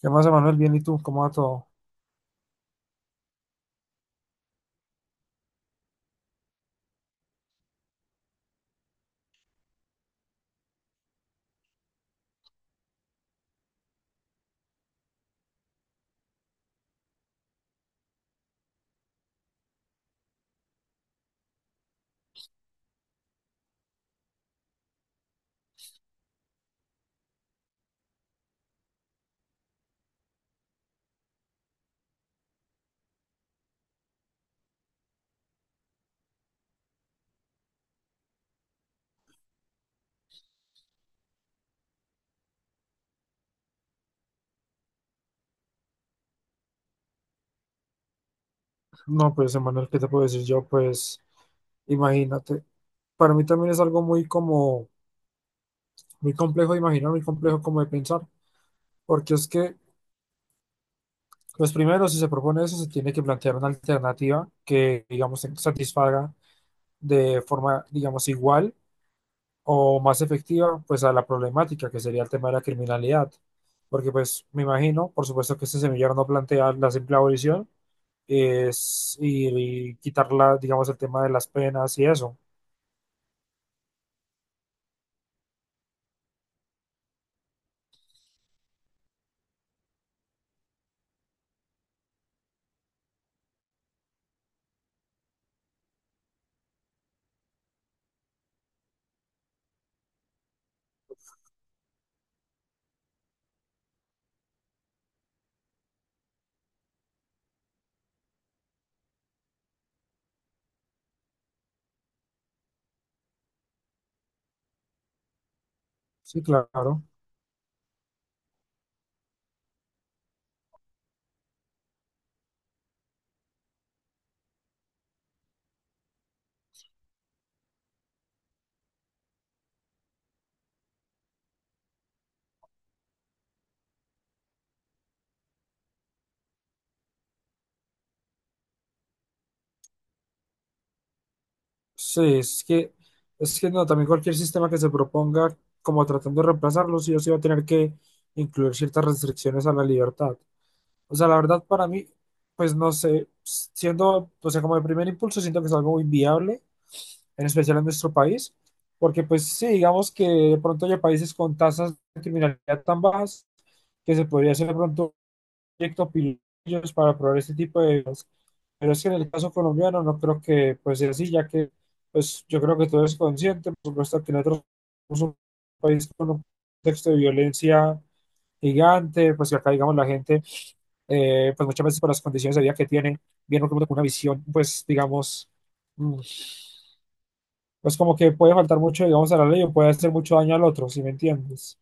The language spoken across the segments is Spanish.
¿Qué más, Emanuel? Bien, ¿y tú? ¿Cómo va todo? No, pues, Emanuel, ¿qué te puedo decir yo? Pues, imagínate. Para mí también es algo muy como, muy complejo de imaginar, muy complejo como de pensar, porque es que, pues primero, si se propone eso, se tiene que plantear una alternativa que, digamos, satisfaga de forma, digamos, igual o más efectiva pues a la problemática que sería el tema de la criminalidad. Porque pues me imagino, por supuesto que este semillero no plantea la simple abolición es, y quitarla, digamos, el tema de las penas y eso. Sí, claro. Sí, es que no, también cualquier sistema que se proponga como tratando de reemplazarlo, sí o sí va a tener que incluir ciertas restricciones a la libertad. O sea, la verdad para mí, pues no sé, siendo, o sea, como de primer impulso siento que es algo inviable en especial en nuestro país, porque pues sí, digamos que de pronto hay países con tasas de criminalidad tan bajas que se podría hacer de pronto un proyecto pillos para probar este tipo de cosas. Pero es que en el caso colombiano no creo que pues sea así, ya que pues yo creo que todo es consciente, por supuesto que nosotros somos un país con un contexto de violencia gigante, pues que acá digamos la gente, pues muchas veces por las condiciones de vida que tiene, viene con una visión pues digamos mm, pues como que puede faltar mucho, digamos, a la ley o puede hacer mucho daño al otro, ¿si me entiendes?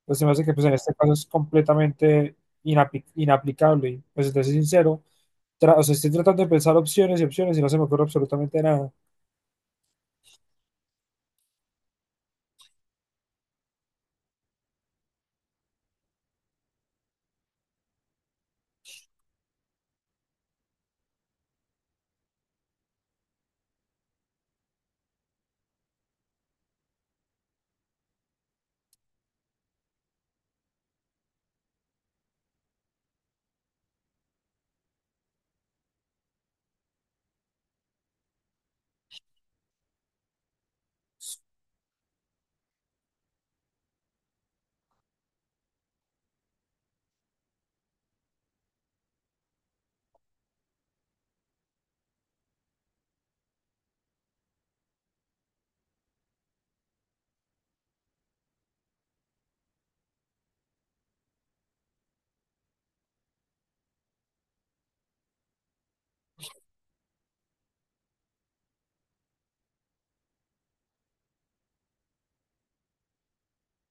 Entonces se me hace que pues en este caso es completamente inaplicable y pues si te soy sincero, o sea, estoy tratando de pensar opciones y opciones y no se me ocurre absolutamente nada.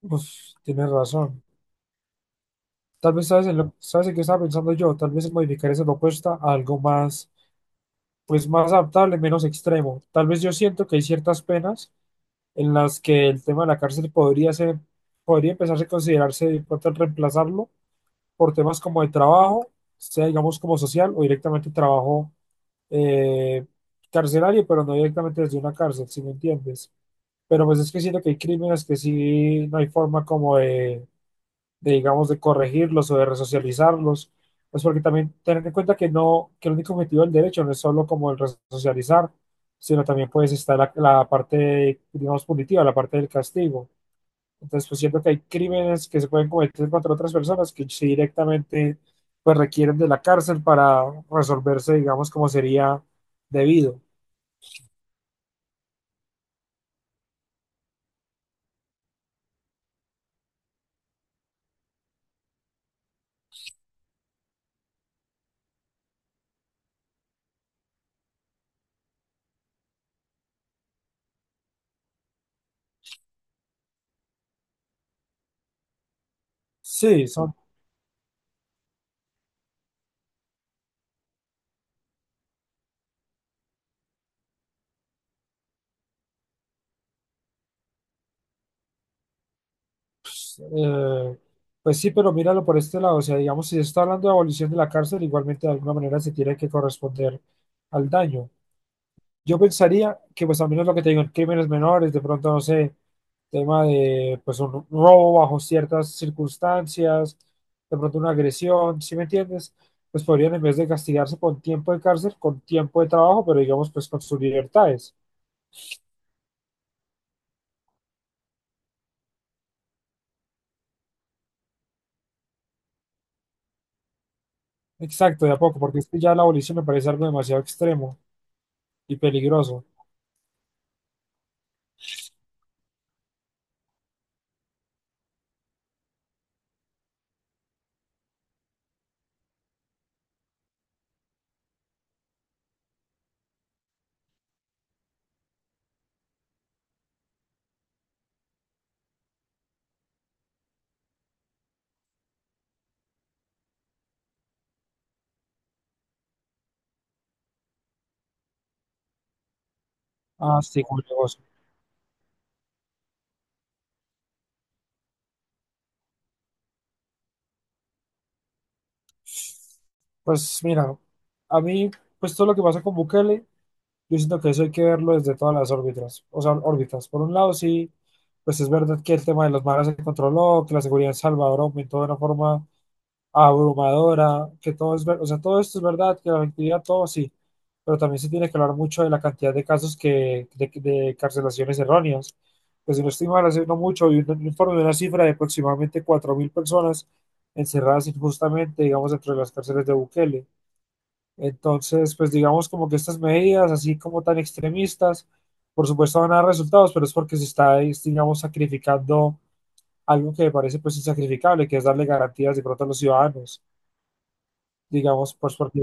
Uf, tienes razón. Tal vez sabes en lo, sabes en qué estaba pensando yo, tal vez en modificar esa propuesta a algo más, pues más adaptable, menos extremo. Tal vez yo siento que hay ciertas penas en las que el tema de la cárcel podría ser, podría empezarse a considerarse de pronto reemplazarlo por temas como de trabajo, sea digamos como social o directamente trabajo eh, carcelario, pero no directamente desde una cárcel, si me entiendes. Pero pues es que siento que hay crímenes que sí no hay forma como de, digamos, de corregirlos o de resocializarlos. Pues porque también tener en cuenta que no, que el único objetivo del derecho no es solo como el resocializar, sino también pues está la, la parte, digamos, punitiva, la parte del castigo. Entonces, pues siento que hay crímenes que se pueden cometer contra otras personas que sí directamente pues requieren de la cárcel para resolverse, digamos, como sería debido. Sí, son, eh, pues sí, pero míralo por este lado, o sea, digamos, si se está hablando de abolición de la cárcel, igualmente de alguna manera se tiene que corresponder al daño. Yo pensaría que, pues, al menos lo que te digo, en crímenes menores, de pronto, no sé, tema de, pues, un robo bajo ciertas circunstancias, de pronto una agresión, ¿sí me entiendes? Pues podrían, en vez de castigarse con tiempo de cárcel, con tiempo de trabajo, pero digamos, pues, con sus libertades. Exacto, de a poco, porque es que ya la abolición me parece algo demasiado extremo y peligroso. Ah, sí, como negocio. Pues mira, a mí, pues todo lo que pasa con Bukele. Yo siento que eso hay que verlo desde todas las órbitas. O sea, órbitas. Por un lado, sí, pues es verdad que el tema de los maras se controló, que la seguridad en Salvador aumentó de una forma abrumadora, que todo es o sea, todo esto es verdad, que la actividad, todo sí. Pero también se tiene que hablar mucho de la cantidad de casos que, de carcelaciones erróneas. Pues si no estoy mal, hace no mucho, vi un informe de una cifra de aproximadamente 4.000 personas encerradas injustamente, digamos, dentro de las cárceles de Bukele. Entonces, pues digamos como que estas medidas, así como tan extremistas, por supuesto van a dar resultados, pero es porque se está, es, digamos, sacrificando algo que me parece pues insacrificable, que es darle garantías de pronto a los ciudadanos, digamos, pues porque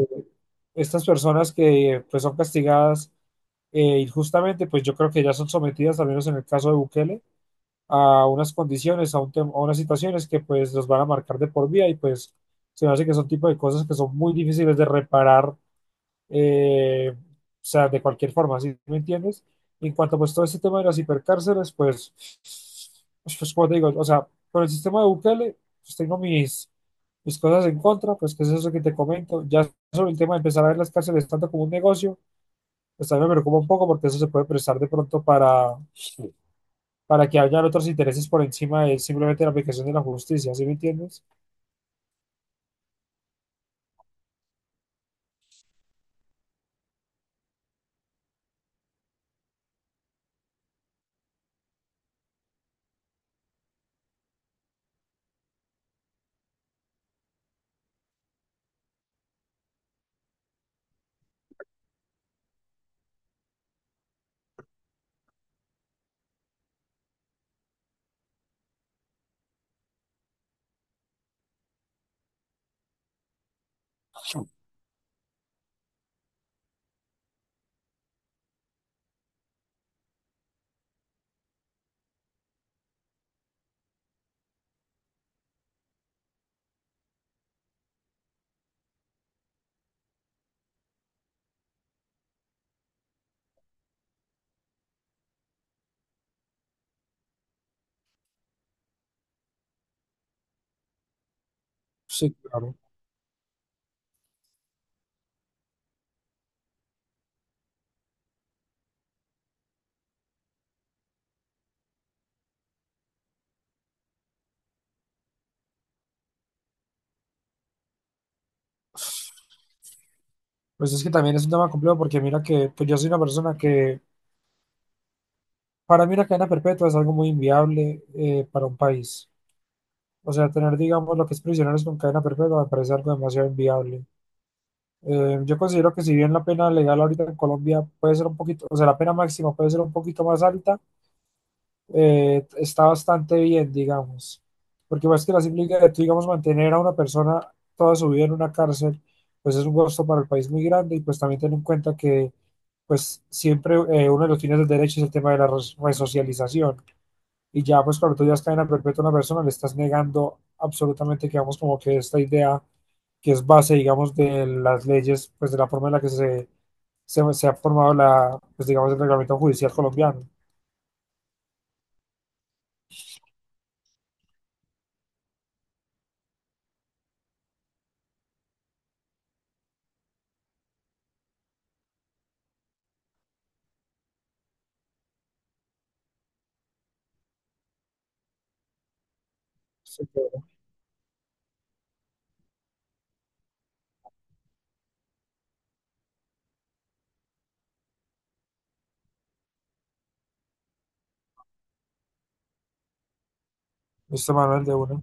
estas personas que pues son castigadas injustamente, pues yo creo que ya son sometidas, al menos en el caso de Bukele, a unas condiciones, a, a unas situaciones que pues los van a marcar de por vida y pues se me hace que son tipo de cosas que son muy difíciles de reparar o sea, de cualquier forma, ¿sí me entiendes? En cuanto pues todo este tema de las hipercárceles, pues, como te digo, o sea, con el sistema de Bukele, pues tengo mis, mis cosas en contra, pues que es eso que te comento, ya sobre el tema de empezar a ver las cárceles tanto como un negocio, pues también me preocupa un poco porque eso se puede prestar de pronto para que hayan otros intereses por encima de simplemente la aplicación de la justicia, ¿sí me entiendes? Sí, claro. Pues es que también es un tema complejo porque mira que pues yo soy una persona que. Para mí una cadena perpetua es algo muy inviable para un país. O sea, tener, digamos, lo que es prisioneros con cadena perpetua me parece algo demasiado inviable. Yo considero que si bien la pena legal ahorita en Colombia puede ser un poquito, o sea, la pena máxima puede ser un poquito más alta, está bastante bien, digamos. Porque más que la implica de tú, digamos, mantener a una persona toda su vida en una cárcel, pues es un costo para el país muy grande y pues también ten en cuenta que pues siempre uno de los fines del derecho es el tema de la resocialización y ya pues cuando tú ya es cadena perpetua a una persona, le estás negando absolutamente, digamos, como que esta idea que es base, digamos, de las leyes, pues de la forma en la que se ha formado la, pues digamos, el reglamento judicial colombiano. Este Manuel de uno.